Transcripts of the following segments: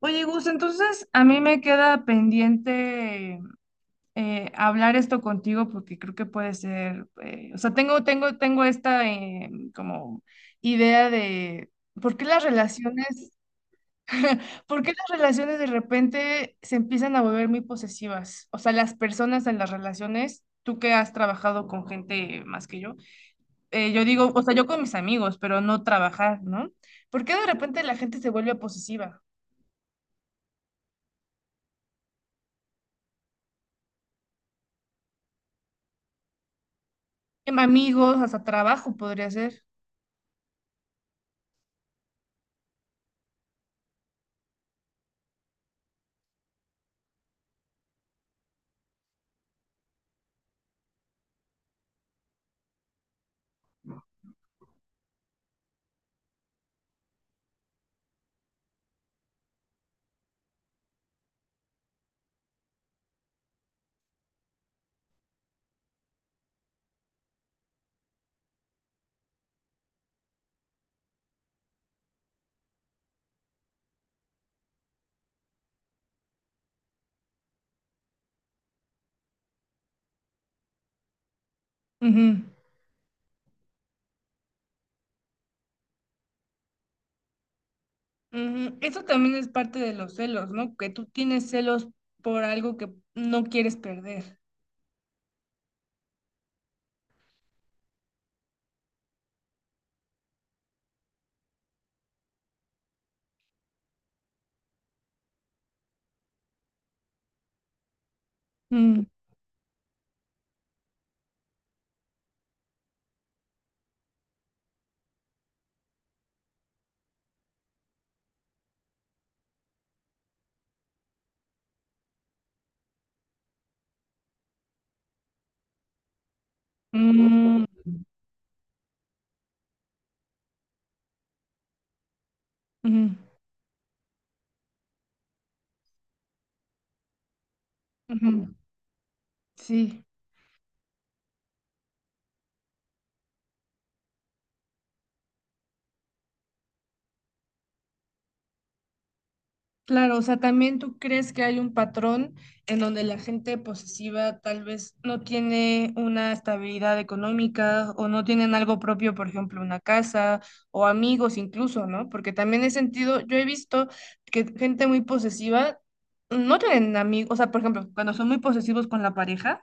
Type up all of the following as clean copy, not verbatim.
Oye, Gus, entonces a mí me queda pendiente hablar esto contigo porque creo que puede ser, o sea, tengo esta como idea de por qué las relaciones, por qué las relaciones de repente se empiezan a volver muy posesivas. O sea, las personas en las relaciones, tú que has trabajado con gente más que yo, yo digo, o sea, yo con mis amigos, pero no trabajar, ¿no? ¿Por qué de repente la gente se vuelve posesiva? Amigos, hasta trabajo podría ser. Ujú, ujú. Eso también es parte de los celos, ¿no? Que tú tienes celos por algo que no quieres perder. Mm, mm, ujú, ujú. Sí. Claro, o sea, también tú crees que hay un patrón en donde la gente posesiva tal vez no tiene una estabilidad económica o no tienen algo propio, por ejemplo, una casa o amigos incluso, ¿no? Porque también he sentido, yo he visto que gente muy posesiva no tienen amigos, o sea, por ejemplo, cuando son muy posesivos con la pareja,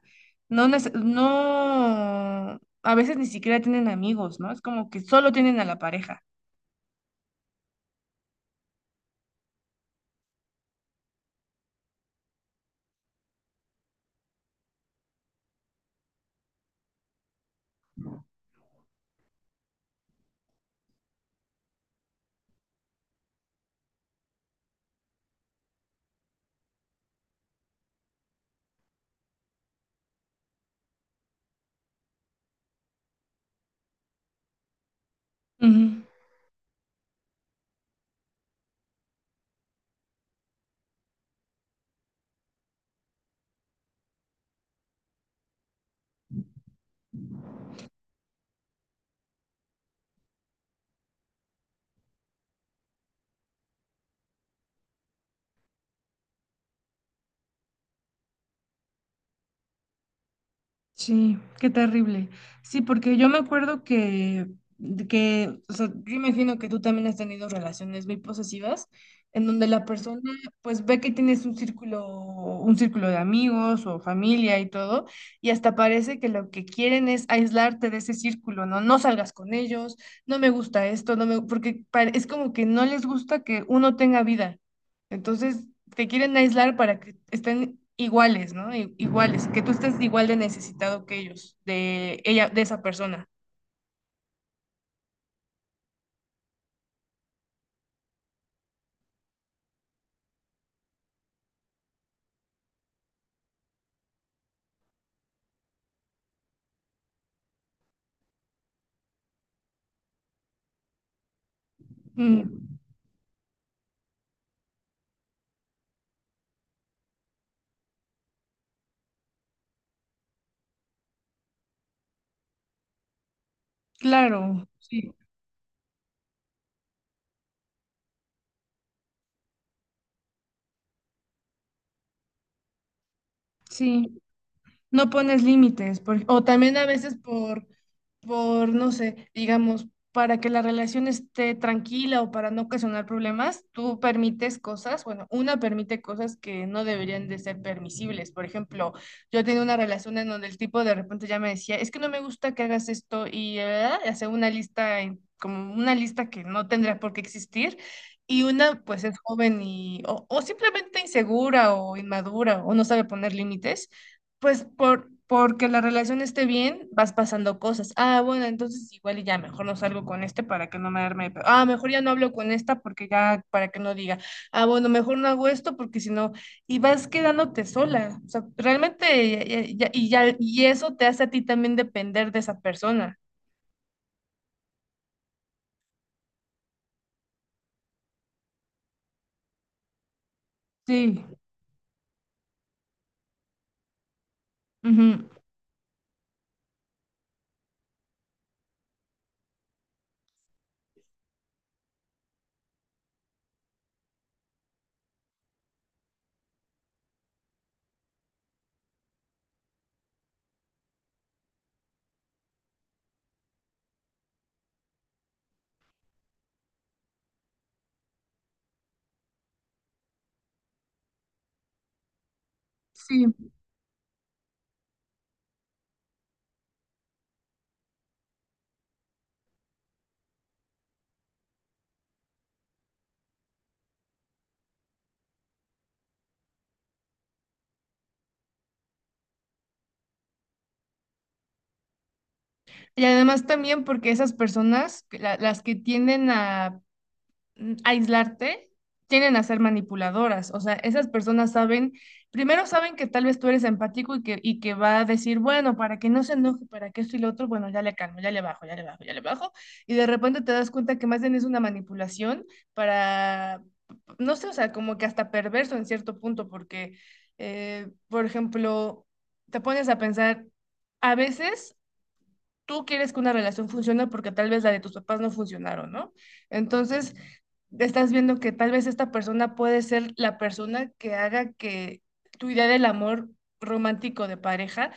no, a veces ni siquiera tienen amigos, ¿no? Es como que solo tienen a la pareja. Sí, qué terrible. Sí, porque yo me acuerdo o sea, yo imagino que tú también has tenido relaciones muy posesivas, en donde la persona pues ve que tienes un círculo de amigos o familia y todo, y hasta parece que lo que quieren es aislarte de ese círculo, ¿no? No salgas con ellos, no me gusta esto, no me, porque es como que no les gusta que uno tenga vida. Entonces, te quieren aislar para que estén iguales, ¿no? Iguales, que tú estés igual de necesitado que ellos, de ella, de esa persona. Mm, claro, sí, sí. No pones límites, o también a veces por, no sé, digamos, para que la relación esté tranquila o para no ocasionar problemas, tú permites cosas, bueno, una permite cosas que no deberían de ser permisibles. Por ejemplo, yo tenía una relación en donde el tipo de repente ya me decía, es que no me gusta que hagas esto y hace una lista, como una lista que no tendría por qué existir. Y una, pues es joven y, o simplemente insegura o inmadura o no sabe poner límites. Pues porque la relación esté bien, vas pasando cosas. Ah, bueno, entonces igual y ya mejor no salgo con este para que no me arme. Ah, mejor ya no hablo con esta porque ya para que no diga. Ah, bueno, mejor no hago esto porque si no. Y vas quedándote sola. O sea, realmente, y ya, y eso te hace a ti también depender de esa persona. Sí. Ujú. Sí. Y además también porque esas personas, que las que tienden a aislarte, tienden a ser manipuladoras. O sea, esas personas saben, primero saben que tal vez tú eres empático y que va a decir, bueno, para que no se enoje, para que esto y lo otro, bueno, ya le calmo, ya le bajo, ya le bajo, ya le bajo. Y de repente te das cuenta que más bien es una manipulación para, no sé, o sea, como que hasta perverso en cierto punto, porque, por ejemplo, te pones a pensar, a veces tú quieres que una relación funcione porque tal vez la de tus papás no funcionaron, ¿no? Entonces, estás viendo que tal vez esta persona puede ser la persona que haga que tu idea del amor romántico de pareja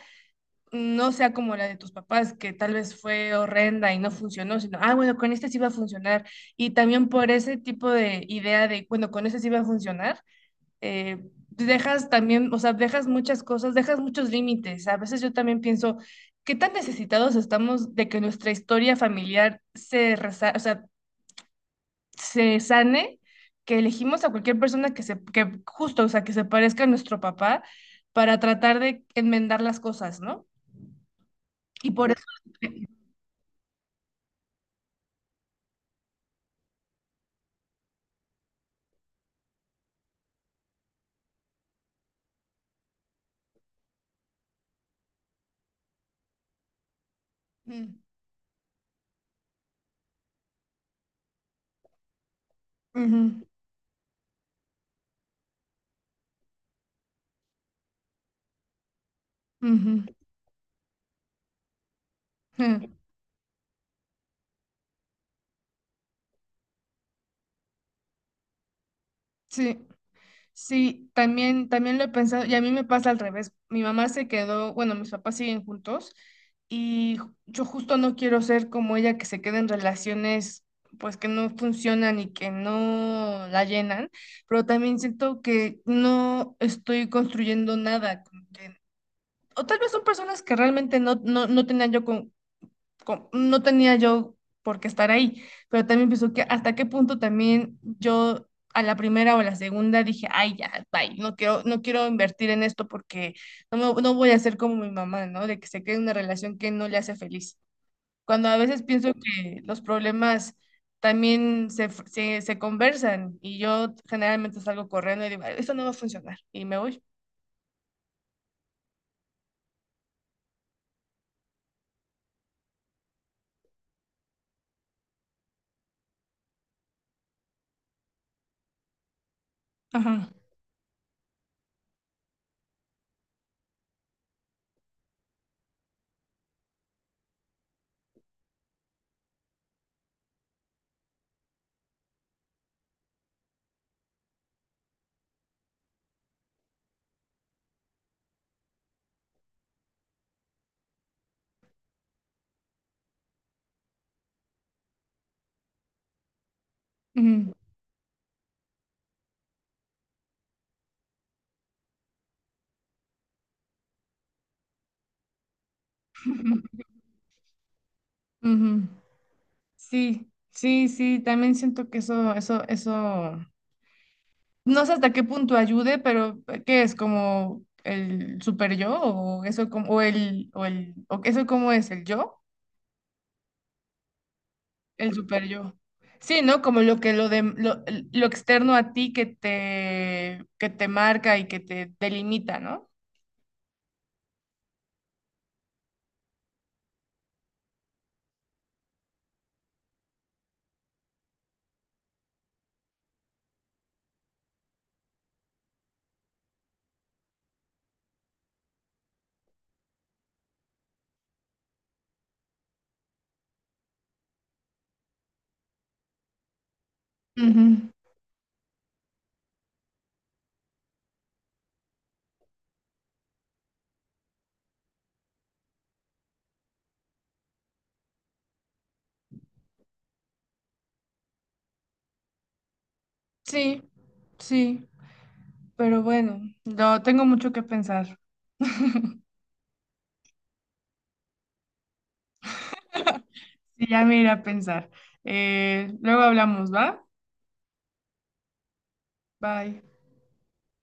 no sea como la de tus papás, que tal vez fue horrenda y no funcionó, sino, ah, bueno, con este sí va a funcionar. Y también por ese tipo de idea de, bueno, con este sí va a funcionar, dejas también, o sea, dejas muchas cosas, dejas muchos límites. A veces yo también pienso, ¿qué tan necesitados estamos de que nuestra historia familiar se, resa o sea, se sane? Que elegimos a cualquier persona que que justo, o sea, que se parezca a nuestro papá para tratar de enmendar las cosas, ¿no? Y por eso... Mm, ujú, ujú, ujú. Sí. Sí, también, también lo he pensado y a mí me pasa al revés. Mi mamá se quedó, bueno, mis papás siguen juntos y yo justo no quiero ser como ella que se queda en relaciones pues que no funcionan y que no la llenan, pero también siento que no estoy construyendo nada. O tal vez son personas que realmente no tenía yo por qué estar ahí, pero también pienso que hasta qué punto también yo a la primera o a la segunda dije, ay, ya, bye, no quiero, invertir en esto porque no voy a ser como mi mamá, ¿no? De que se quede en una relación que no le hace feliz. Cuando a veces pienso que los problemas también se conversan y yo generalmente salgo corriendo y digo, "Ay, eso no va a funcionar y me voy." Ajá. Ujú. Ujú. Ujú. Sí, sí, sí, también siento que eso, no sé hasta qué punto ayude, pero ¿qué es como el super yo o eso como, o eso cómo es el yo, el super yo? Sí, ¿no? Como lo que lo de lo externo a ti que que te marca y que te delimita, ¿no? Ujú. Sí, sí, pero bueno, no, tengo mucho que pensar. Sí, ya me iré a pensar. Luego hablamos, ¿va? Bye.